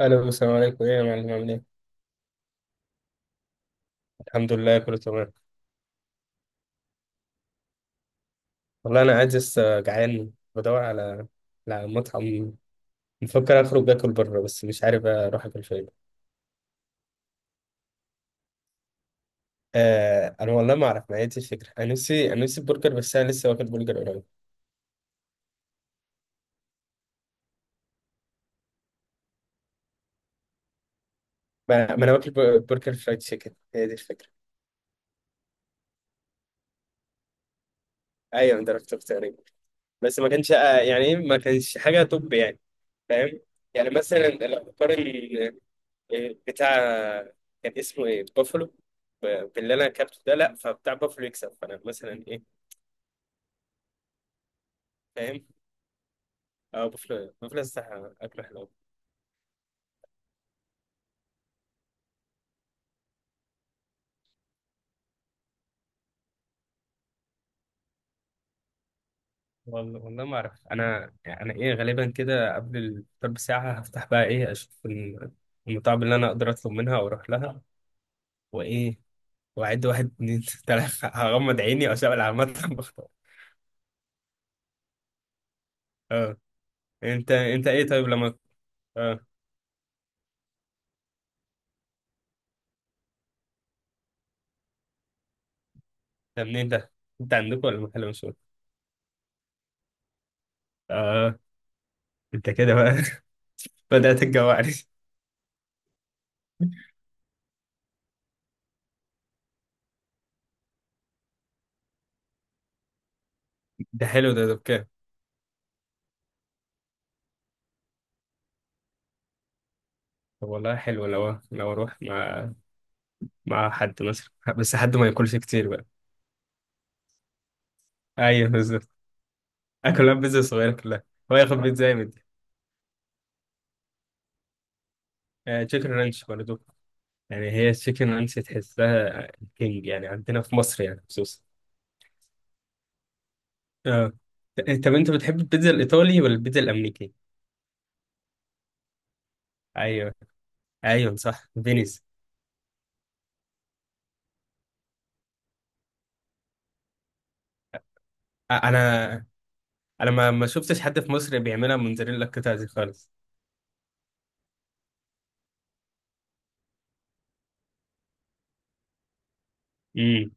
الو، السلام عليكم، ايه يا معلم، عامل ايه؟ الحمد لله، كله تمام. والله انا قاعد لسه جعان بدور على مطعم. بفكر اخرج اكل بره، بس مش عارف اروح اكل فين. آه، انا والله ما اعرف، ما هي دي الفكره، انا نفسي برجر، بس انا لسه واكل برجر قريب. ما انا واكل برجر فرايد تشيكن، هي دي الفكره. ايوه، انا ضربت اختيارين. بس ما كانش يعني إيه، ما كانش حاجه توب يعني. فاهم. يعني مثلا لو بقارن بتاع، كان اسمه ايه، بافلو، باللي انا اكلته ده، لا، فبتاع بافلو يكسب، فانا مثلا ايه. فاهم. اه، بافلو بافلو صح، اكله حلو. والله والله ما اعرف، انا يعني انا ايه، غالبا كده قبل الفطار بساعه هفتح بقى، ايه، اشوف المطاعم اللي انا اقدر اطلب منها واروح لها، وايه، واعد واحد اتنين تلاته، هغمض عيني واشغل على المطعم بختار. اه. انت ايه، طيب لما، اه، ده منين ده؟ انت عندكم ولا محل مشهور؟ اه، انت كده بقى، بدأت تجوعني. ده حلو ده بكام؟ طب والله حلو، لو اروح مع حد مثلا، بس حد ما ياكلش كتير بقى. ايوه، بالظبط. اكلها بيتزا صغيره كلها، هو ياخد بيتزا جامد. آه، تشيكن رانش برضه، يعني هي التشيكن رانش تحسها كينج يعني، عندنا في مصر يعني، خصوصا. اه. طب انت بتحب البيتزا الايطالي ولا البيتزا الامريكي؟ ايوه. ايوه، صح، فينيس. انا انا ما شفتش حد في مصر بيعملها موتزاريلا القطع دي خالص. امم.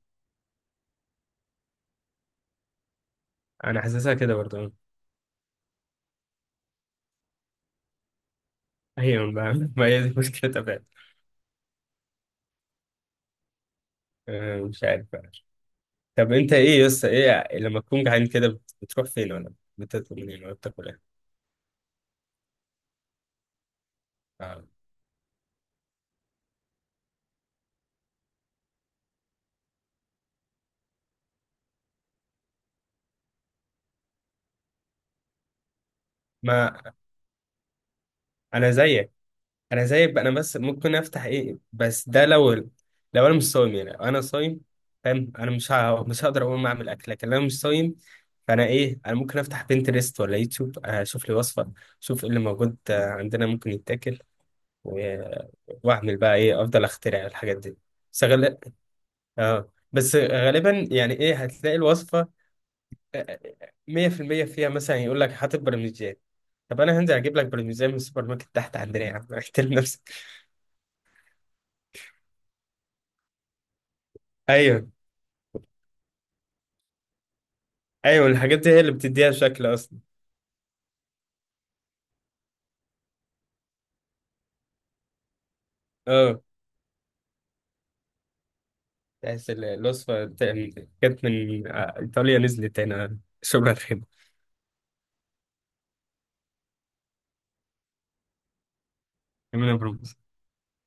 انا حاسسها كده برضه. ايوه بقى، ما هي دي مشكلتها فعلا. مش عارف بقى. طب انت ايه يا اسطى، ايه لما تكون جعان كده بتروح فين، ولا بتطلب منين، ولا بتاكل ايه؟ آه. ما انا زيك، انا زيك بقى، انا بس ممكن افتح، ايه، بس ده لو انا مش صايم، يعني لو انا صايم، فاهم، انا مش هقدر اقوم اعمل اكل، لكن لو انا مش صايم، فانا ايه، انا ممكن افتح بنترست ولا يوتيوب، اشوف لي وصفه، اشوف ايه اللي موجود عندنا ممكن يتاكل، و- واعمل بقى ايه، افضل اخترع الحاجات دي. بس غال- اه، بس غالبا يعني، ايه، هتلاقي الوصفه 100% فيها، مثلا يقول لك حاطط برمجيات. طب انا هنزل اجيب لك برمجيات من السوبر ماركت تحت عندنا، يا عم، احترم نفسك. ايوه. ايوه، الحاجات دي هي اللي بتديها شكل اصلا. اه، تحس الوصفة كانت من ايطاليا، نزلت هنا شغل الخيمة. كلمة برمز،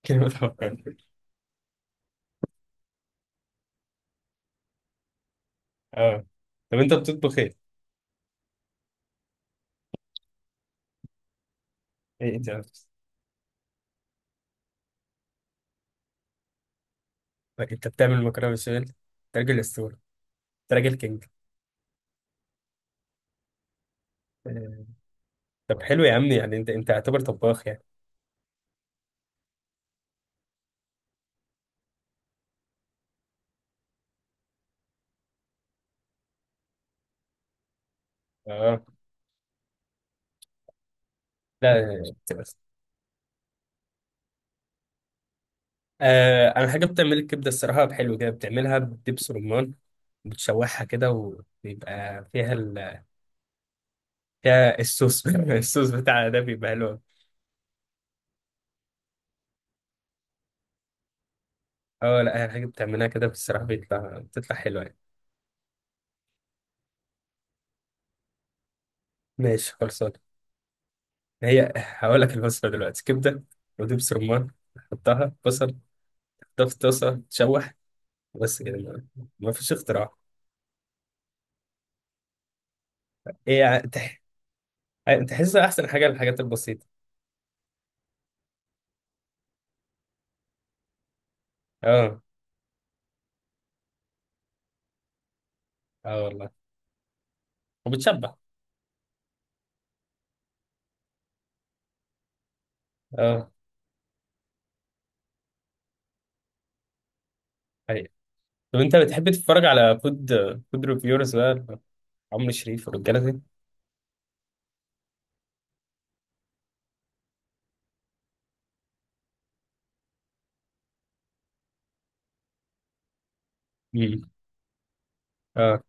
كلمة حوار. اه. طب انت بتطبخ ايه؟ ايه انت، انت بتعمل مكرونة بشاميل؟ انت راجل اسطورة، انت راجل كينج. آه، طب حلو يا عم، يعني انت اعتبر طباخ يعني. اه. لا. آه، انا حاجه بتعمل الكبده، الصراحه حلو كده، بتعملها بدبس رمان، بتشوحها كده، وبيبقى فيها فيها الصوص الصوص بتاعها ده بيبقى حلو. اه. لا، هي حاجه بتعملها كده بصراحه، بتطلع حلوه يعني. ماشي، خلصان. هي هقول لك الوصفه دلوقتي، كبده ودبس رمان، حطها بصل، حطها في طاسه تشوح، بس كده، ما فيش اختراع. ايه، تحس احسن حاجه، الحاجات البسيطه. اه. اه والله، وبتشبع. اه. طب انت بتحب تتفرج على فود ريفيورز بقى، عمرو شريف والرجاله دي؟ امم. اه.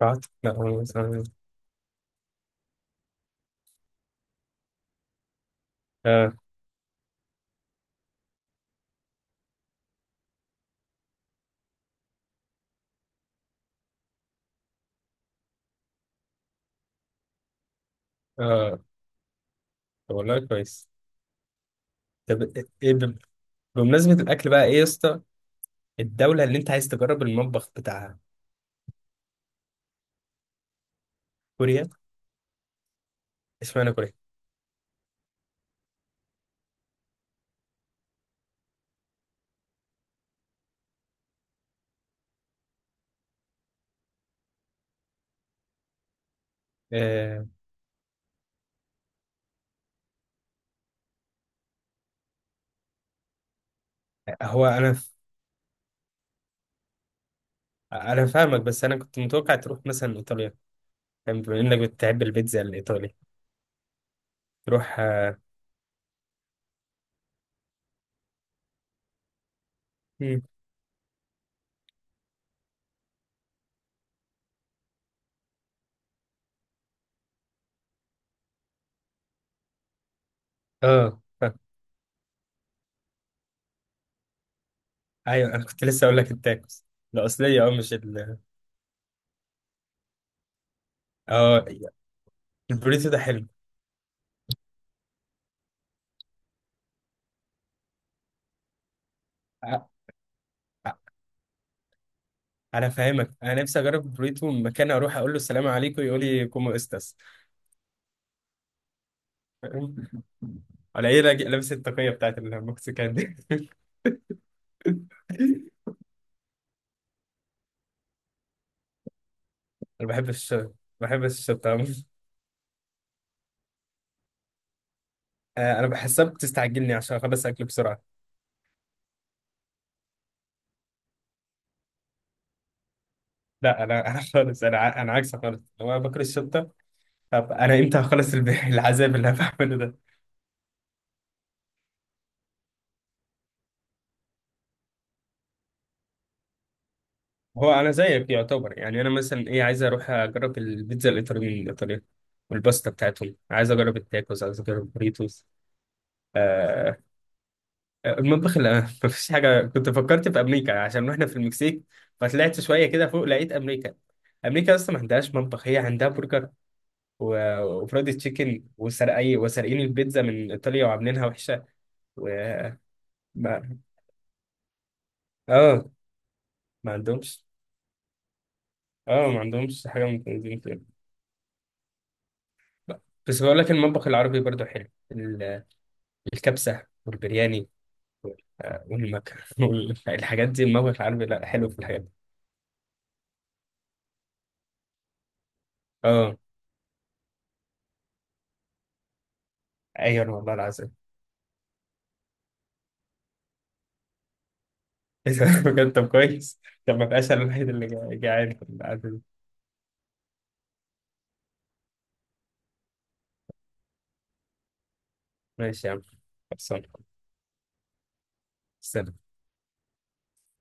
قعدت، لا هو مثلا، اه. اه، طب والله كويس. طب، ايه، بمناسبة الأكل بقى، ايه يا اسطى، الدولة اللي انت عايز تجرب المطبخ بتاعها؟ كوريا. اشمعنى كوريا؟ آه. هو انا انا فاهمك، بس انا كنت متوقع تروح مثلا ايطاليا. فاهم؟ بما انك بتحب البيتزا الايطالي، تروح. اه. مم. اه، فاهم. ايوه، انا كنت لسه اقول لك التاكوس الاصليه، اه، مش ال. اه. البوريتو ده حلو. ع- ع- انا فاهمك، انا نفسي اجرب البوريتو من مكان، اروح اقول له السلام عليكم، يقول لي كومو استاس. فاهم؟ ولا ايه، راجل لابس التقيه بتاعت المكسيكان دي انا بحب الشطه، بحب الشطه أوي. انا بحسها بتستعجلني عشان اخلص اكل بسرعه. لا، انا انا خالص، انا عكسك خالص، لو انا باكل الشطه، طب انا امتى هخلص العذاب اللي انا بعمله ده. هو انا زيك يعتبر يعني، انا مثلا ايه، عايز اروح اجرب البيتزا الايطاليه الايطاليه والباستا بتاعتهم، عايز اجرب التاكوز، عايز اجرب البوريتوس. آه. المطبخ اللي ما فيش حاجه، كنت فكرت في امريكا عشان واحنا في المكسيك، فطلعت شويه كده فوق لقيت امريكا. امريكا اصلا ما عندهاش مطبخ، هي عندها برجر وفرايد تشيكن، وسرقي وسارقين البيتزا من ايطاليا وعاملينها وحشه، و ما- اه، ما عندهمش. اه، ما عندهمش حاجه من التنظيم كده. بس بقول لك المطبخ العربي برضه حلو، الكبسة والبرياني، والمكرونة والحاجات دي، الموقف العربي لا، حلو في الحاجات دي. اه. ايوه والله العظيم. إيه ده؟ بجد، طب كويس. طب، ما بقاش انا الوحيد اللي جعان في القعدة دي. ماشي يا عم، خلصان. سلام.